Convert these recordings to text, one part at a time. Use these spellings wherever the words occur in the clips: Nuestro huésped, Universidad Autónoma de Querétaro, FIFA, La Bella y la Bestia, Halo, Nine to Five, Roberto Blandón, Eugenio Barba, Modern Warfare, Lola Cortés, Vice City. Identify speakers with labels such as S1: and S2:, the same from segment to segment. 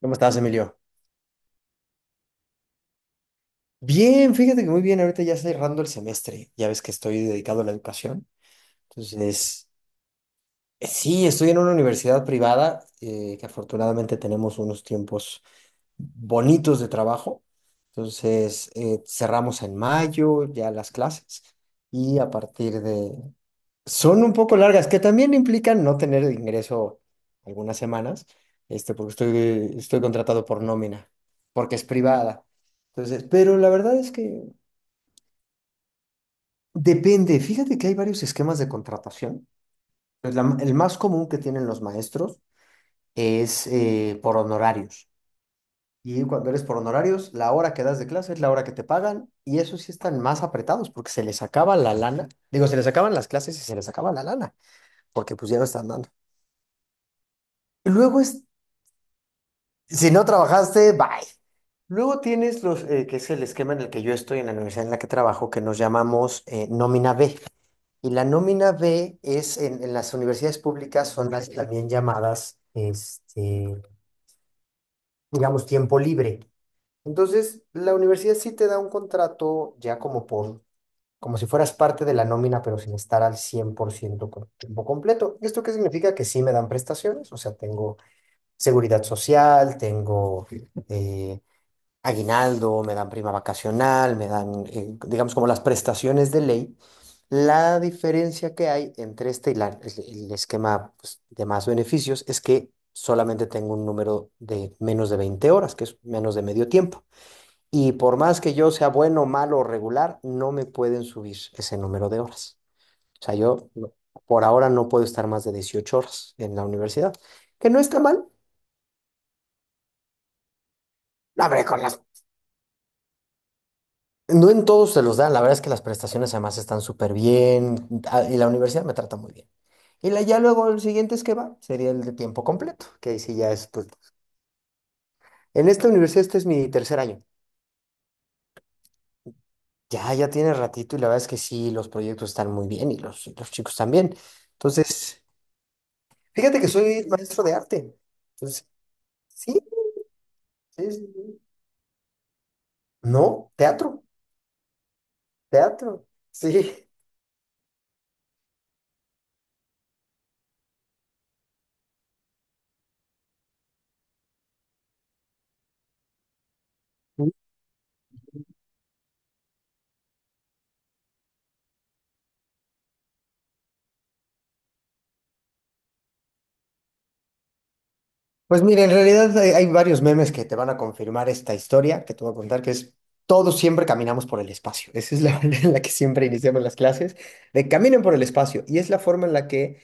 S1: ¿Cómo estás, Emilio? Bien, fíjate que muy bien, ahorita ya cerrando el semestre, ya ves que estoy dedicado a la educación. Entonces, sí, estoy en una universidad privada, que afortunadamente tenemos unos tiempos bonitos de trabajo. Entonces, cerramos en mayo ya las clases y a partir de, son un poco largas, que también implican no tener ingreso algunas semanas, porque estoy contratado por nómina, porque es privada. Entonces, pero la verdad es que depende. Fíjate que hay varios esquemas de contratación. Pues el más común que tienen los maestros es por honorarios. Y cuando eres por honorarios, la hora que das de clase es la hora que te pagan, y eso sí están más apretados porque se les acaba la lana. Digo, se les acaban las clases y se les acaba la lana, porque pues ya no están dando. Luego si no trabajaste, bye. Luego tienes que es el esquema en el que yo estoy en la universidad en la que trabajo, que nos llamamos nómina B. Y la nómina B es en las universidades públicas, son las también llamadas, digamos, tiempo libre. Entonces, la universidad sí te da un contrato ya como si fueras parte de la nómina, pero sin estar al 100% con tiempo completo. ¿Esto qué significa? Que sí me dan prestaciones, o sea, tengo seguridad social, eh, aguinaldo, me dan prima vacacional, me dan, digamos, como las prestaciones de ley. La diferencia que hay entre este y el esquema, pues, de más beneficios es que solamente tengo un número de menos de 20 horas, que es menos de medio tiempo. Y por más que yo sea bueno, malo o regular, no me pueden subir ese número de horas. O sea, yo no- por ahora no puedo estar más de 18 horas en la universidad, que no está mal. No, hombre, con las No en todos se los dan, la verdad es que las prestaciones además están súper bien, y la universidad me trata muy bien. Y ya luego el siguiente es que va, sería el de tiempo completo, que ahí sí ya es pues, en esta universidad este es mi tercer año. Ya, ya tiene ratito y la verdad es que sí, los proyectos están muy bien y los chicos también. Entonces, fíjate que soy maestro de arte. Entonces, sí, sí, sí, sí. No, teatro, teatro, sí. Pues mira, en realidad hay varios memes que te van a confirmar esta historia que te voy a contar, que es todos siempre caminamos por el espacio. Esa es la manera en la que siempre iniciamos las clases, de caminen por el espacio. Y es la forma en la que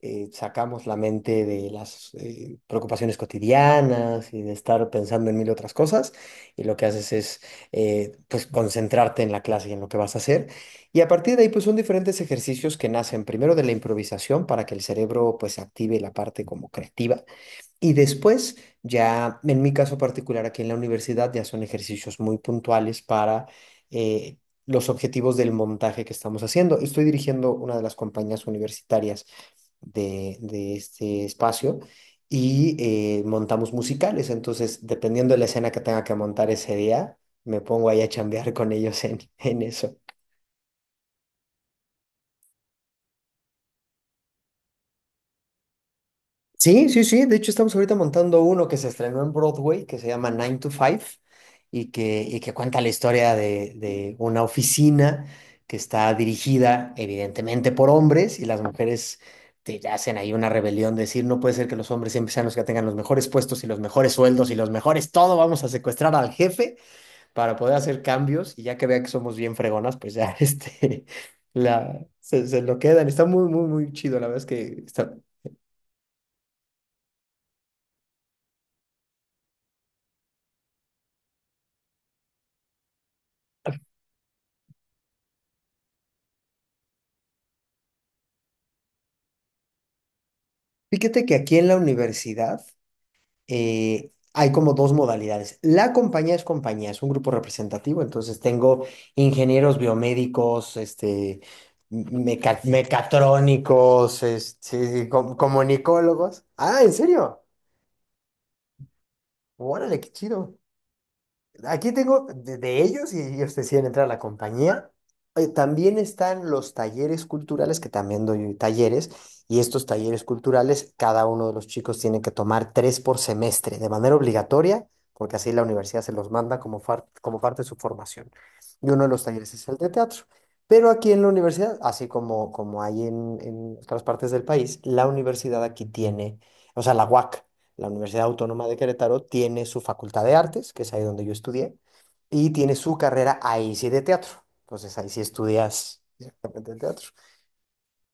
S1: sacamos la mente de las preocupaciones cotidianas y de estar pensando en mil otras cosas. Y lo que haces es pues concentrarte en la clase y en lo que vas a hacer. Y a partir de ahí, pues son diferentes ejercicios que nacen primero de la improvisación para que el cerebro pues active la parte como creativa y después, ya en mi caso particular aquí en la universidad, ya son ejercicios muy puntuales para eh, los objetivos del montaje que estamos haciendo. Estoy dirigiendo una de las compañías universitarias de este espacio y montamos musicales. Entonces, dependiendo de la escena que tenga que montar ese día, me pongo ahí a chambear con ellos en eso. Sí, sí, sí. De hecho, estamos ahorita montando uno que se estrenó en Broadway, que se llama Nine to Five, y que cuenta la historia de una oficina que está dirigida evidentemente por hombres y las mujeres te hacen ahí una rebelión, de decir, no puede ser que los hombres siempre sean los que tengan los mejores puestos y los mejores sueldos y los mejores todo, vamos a secuestrar al jefe para poder hacer cambios y ya que vea que somos bien fregonas, pues ya se lo quedan. Está muy, muy, muy chido, la verdad es que fíjate que aquí en la universidad hay como dos modalidades. La compañía, es un grupo representativo, entonces tengo ingenieros biomédicos, mecatrónicos, comunicólogos. Ah, ¿en serio? Órale, qué chido. Aquí tengo de ellos y ellos deciden entrar a la compañía. También están los talleres culturales, que también doy talleres, y estos talleres culturales, cada uno de los chicos tiene que tomar 3 por semestre de manera obligatoria, porque así la universidad se los manda como parte de su formación. Y uno de los talleres es el de teatro. Pero aquí en la universidad, así como hay en otras partes del país, la universidad aquí tiene, o sea, la UAC. La Universidad Autónoma de Querétaro tiene su Facultad de Artes, que es ahí donde yo estudié, y tiene su carrera ahí sí de teatro. Entonces ahí sí estudias directamente el teatro.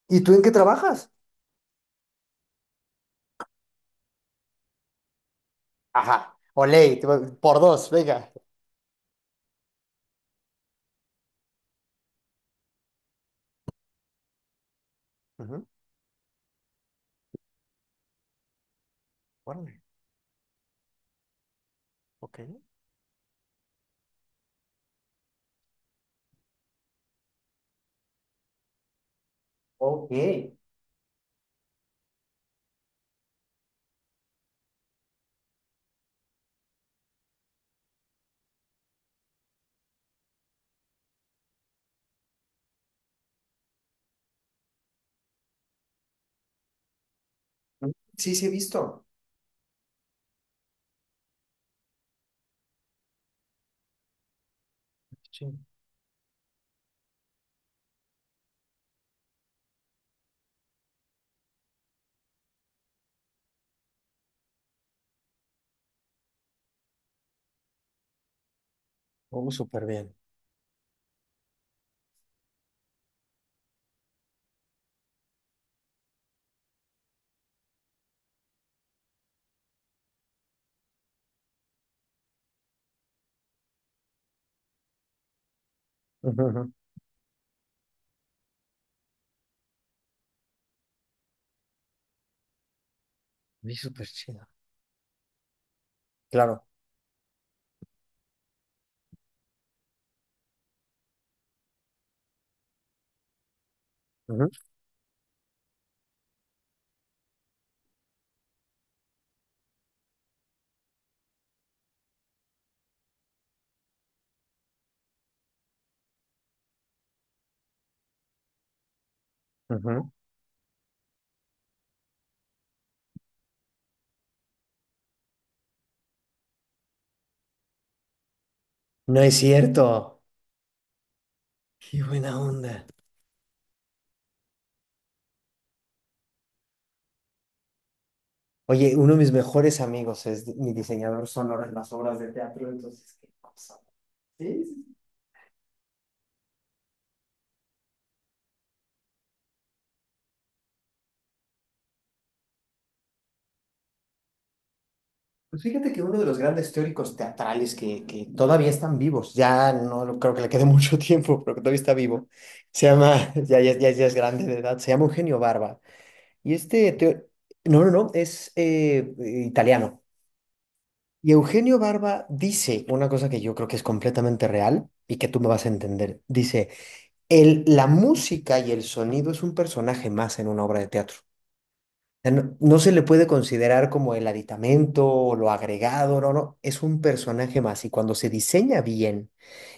S1: ¿Y tú en qué trabajas? Ajá, olé, por dos, venga. Ujú, órale, ok. Ok. Mm. Sí, sí, he visto. Sí. Oh, súper bien. Ujú, ujú. Sí, súper chido. Claro. Ujú, ujú. No es cierto. Qué buena onda. Oye, uno de mis mejores amigos es mi diseñador sonoro en las obras de teatro, entonces, qué cosa. Sí, sí, sí. Pues fíjate que uno de los grandes teóricos teatrales que todavía están vivos, ya no creo que le quede mucho tiempo, pero que todavía está vivo, ya, ya, ya, ya es grande de edad, se llama Eugenio Barba. Y no, no, no, es italiano. Y Eugenio Barba dice una cosa que yo creo que es completamente real y que tú me vas a entender. Dice, la música y el sonido es un personaje más en una obra de teatro. O sea, no, no se le puede considerar como el aditamento o lo agregado, no, no, es un personaje más y cuando se diseña bien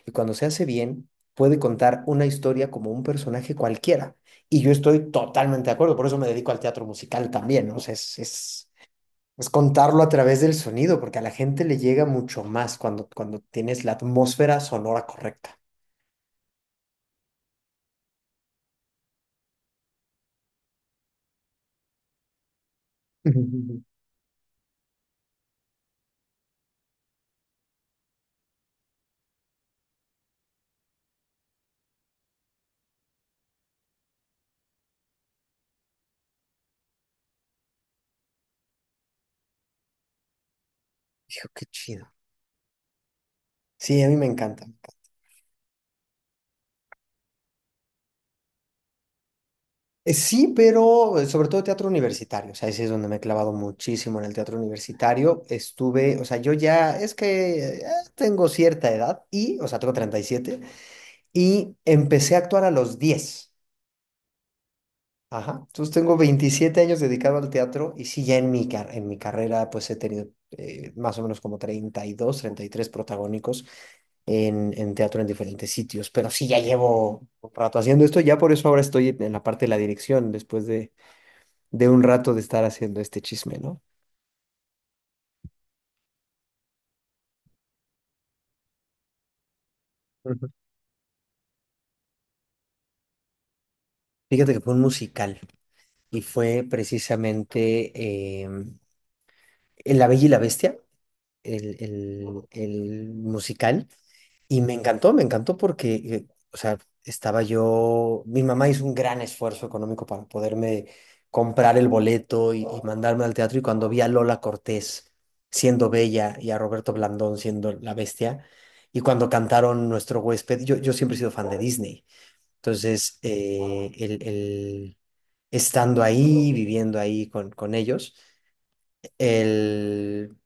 S1: y cuando se hace bien, puede contar una historia como un personaje cualquiera. Y yo estoy totalmente de acuerdo, por eso me dedico al teatro musical también, ¿no? O sea, es contarlo a través del sonido, porque a la gente le llega mucho más cuando tienes la atmósfera sonora correcta. Dijo, qué chido. Sí, a mí me encanta. Sí, pero sobre todo teatro universitario, o sea, ese es donde me he clavado muchísimo en el teatro universitario. Estuve, o sea, yo ya es que tengo cierta edad y, o sea, tengo 37 y empecé a actuar a los 10. Ajá. Entonces tengo 27 años dedicado al teatro y sí, ya en mi carrera pues he tenido más o menos como 30, 32, 33 protagónicos en teatro en diferentes sitios, pero sí, ya llevo un rato haciendo esto, ya por eso ahora estoy en la parte de la dirección después de un rato de estar haciendo este chisme, ¿no? Ujú. Fíjate que fue un musical y fue precisamente en La Bella y la Bestia, el musical, y me encantó porque, o sea, estaba yo, mi mamá hizo un gran esfuerzo económico para poderme comprar el boleto y mandarme al teatro, y cuando vi a Lola Cortés siendo Bella y a Roberto Blandón siendo la Bestia, y cuando cantaron Nuestro huésped, yo siempre he sido fan de Disney. Entonces, estando ahí, viviendo ahí con ellos, el,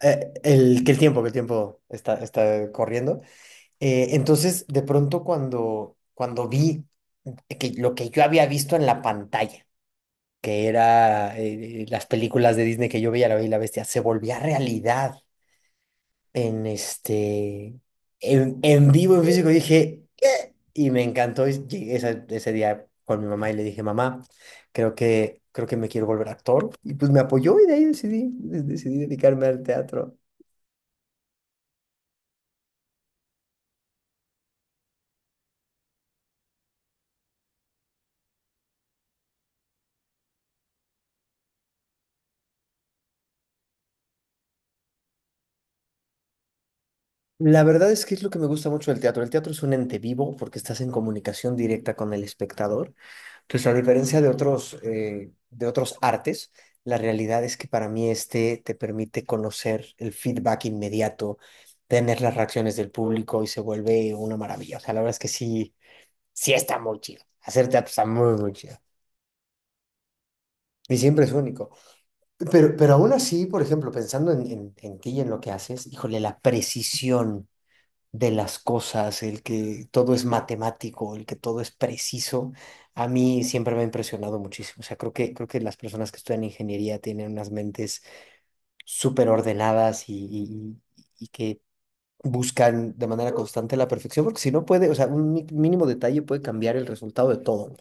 S1: el, que el tiempo está corriendo. Entonces, de pronto cuando vi que lo que yo había visto en la pantalla, que era las películas de Disney que yo veía, La Bella y la Bestia, se volvía realidad. en este, en vivo, en físico, dije, ¿qué? Y me encantó. Y llegué ese día con mi mamá y le dije, mamá, creo que me quiero volver actor. Y pues me apoyó y de ahí decidí dedicarme al teatro. La verdad es que es lo que me gusta mucho del teatro. El teatro es un ente vivo porque estás en comunicación directa con el espectador. Pues a diferencia de otros artes, la realidad es que para mí te permite conocer el feedback inmediato, tener las reacciones del público y se vuelve una maravilla. O sea, la verdad es que sí, sí está muy chido. Hacer teatro está muy, muy chido. Y siempre es único. Pero aún así, por ejemplo, pensando en ti y en lo que haces, híjole, la precisión de las cosas, el que todo es matemático, el que todo es preciso, a mí siempre me ha impresionado muchísimo. O sea, creo que las personas que estudian ingeniería tienen unas mentes súper ordenadas y que buscan de manera constante la perfección, porque si no puede, o sea, un mínimo detalle puede cambiar el resultado de todo, ¿no?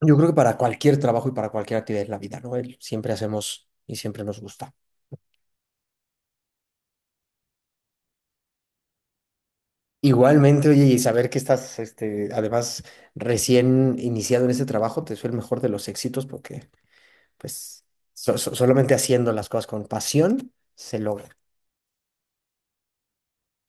S1: Yo creo que para cualquier trabajo y para cualquier actividad en la vida, ¿no? Siempre hacemos y siempre nos gusta. Igualmente, oye, y saber que estás, además, recién iniciado en este trabajo, te deseo el mejor de los éxitos porque, pues, solamente haciendo las cosas con pasión se logra.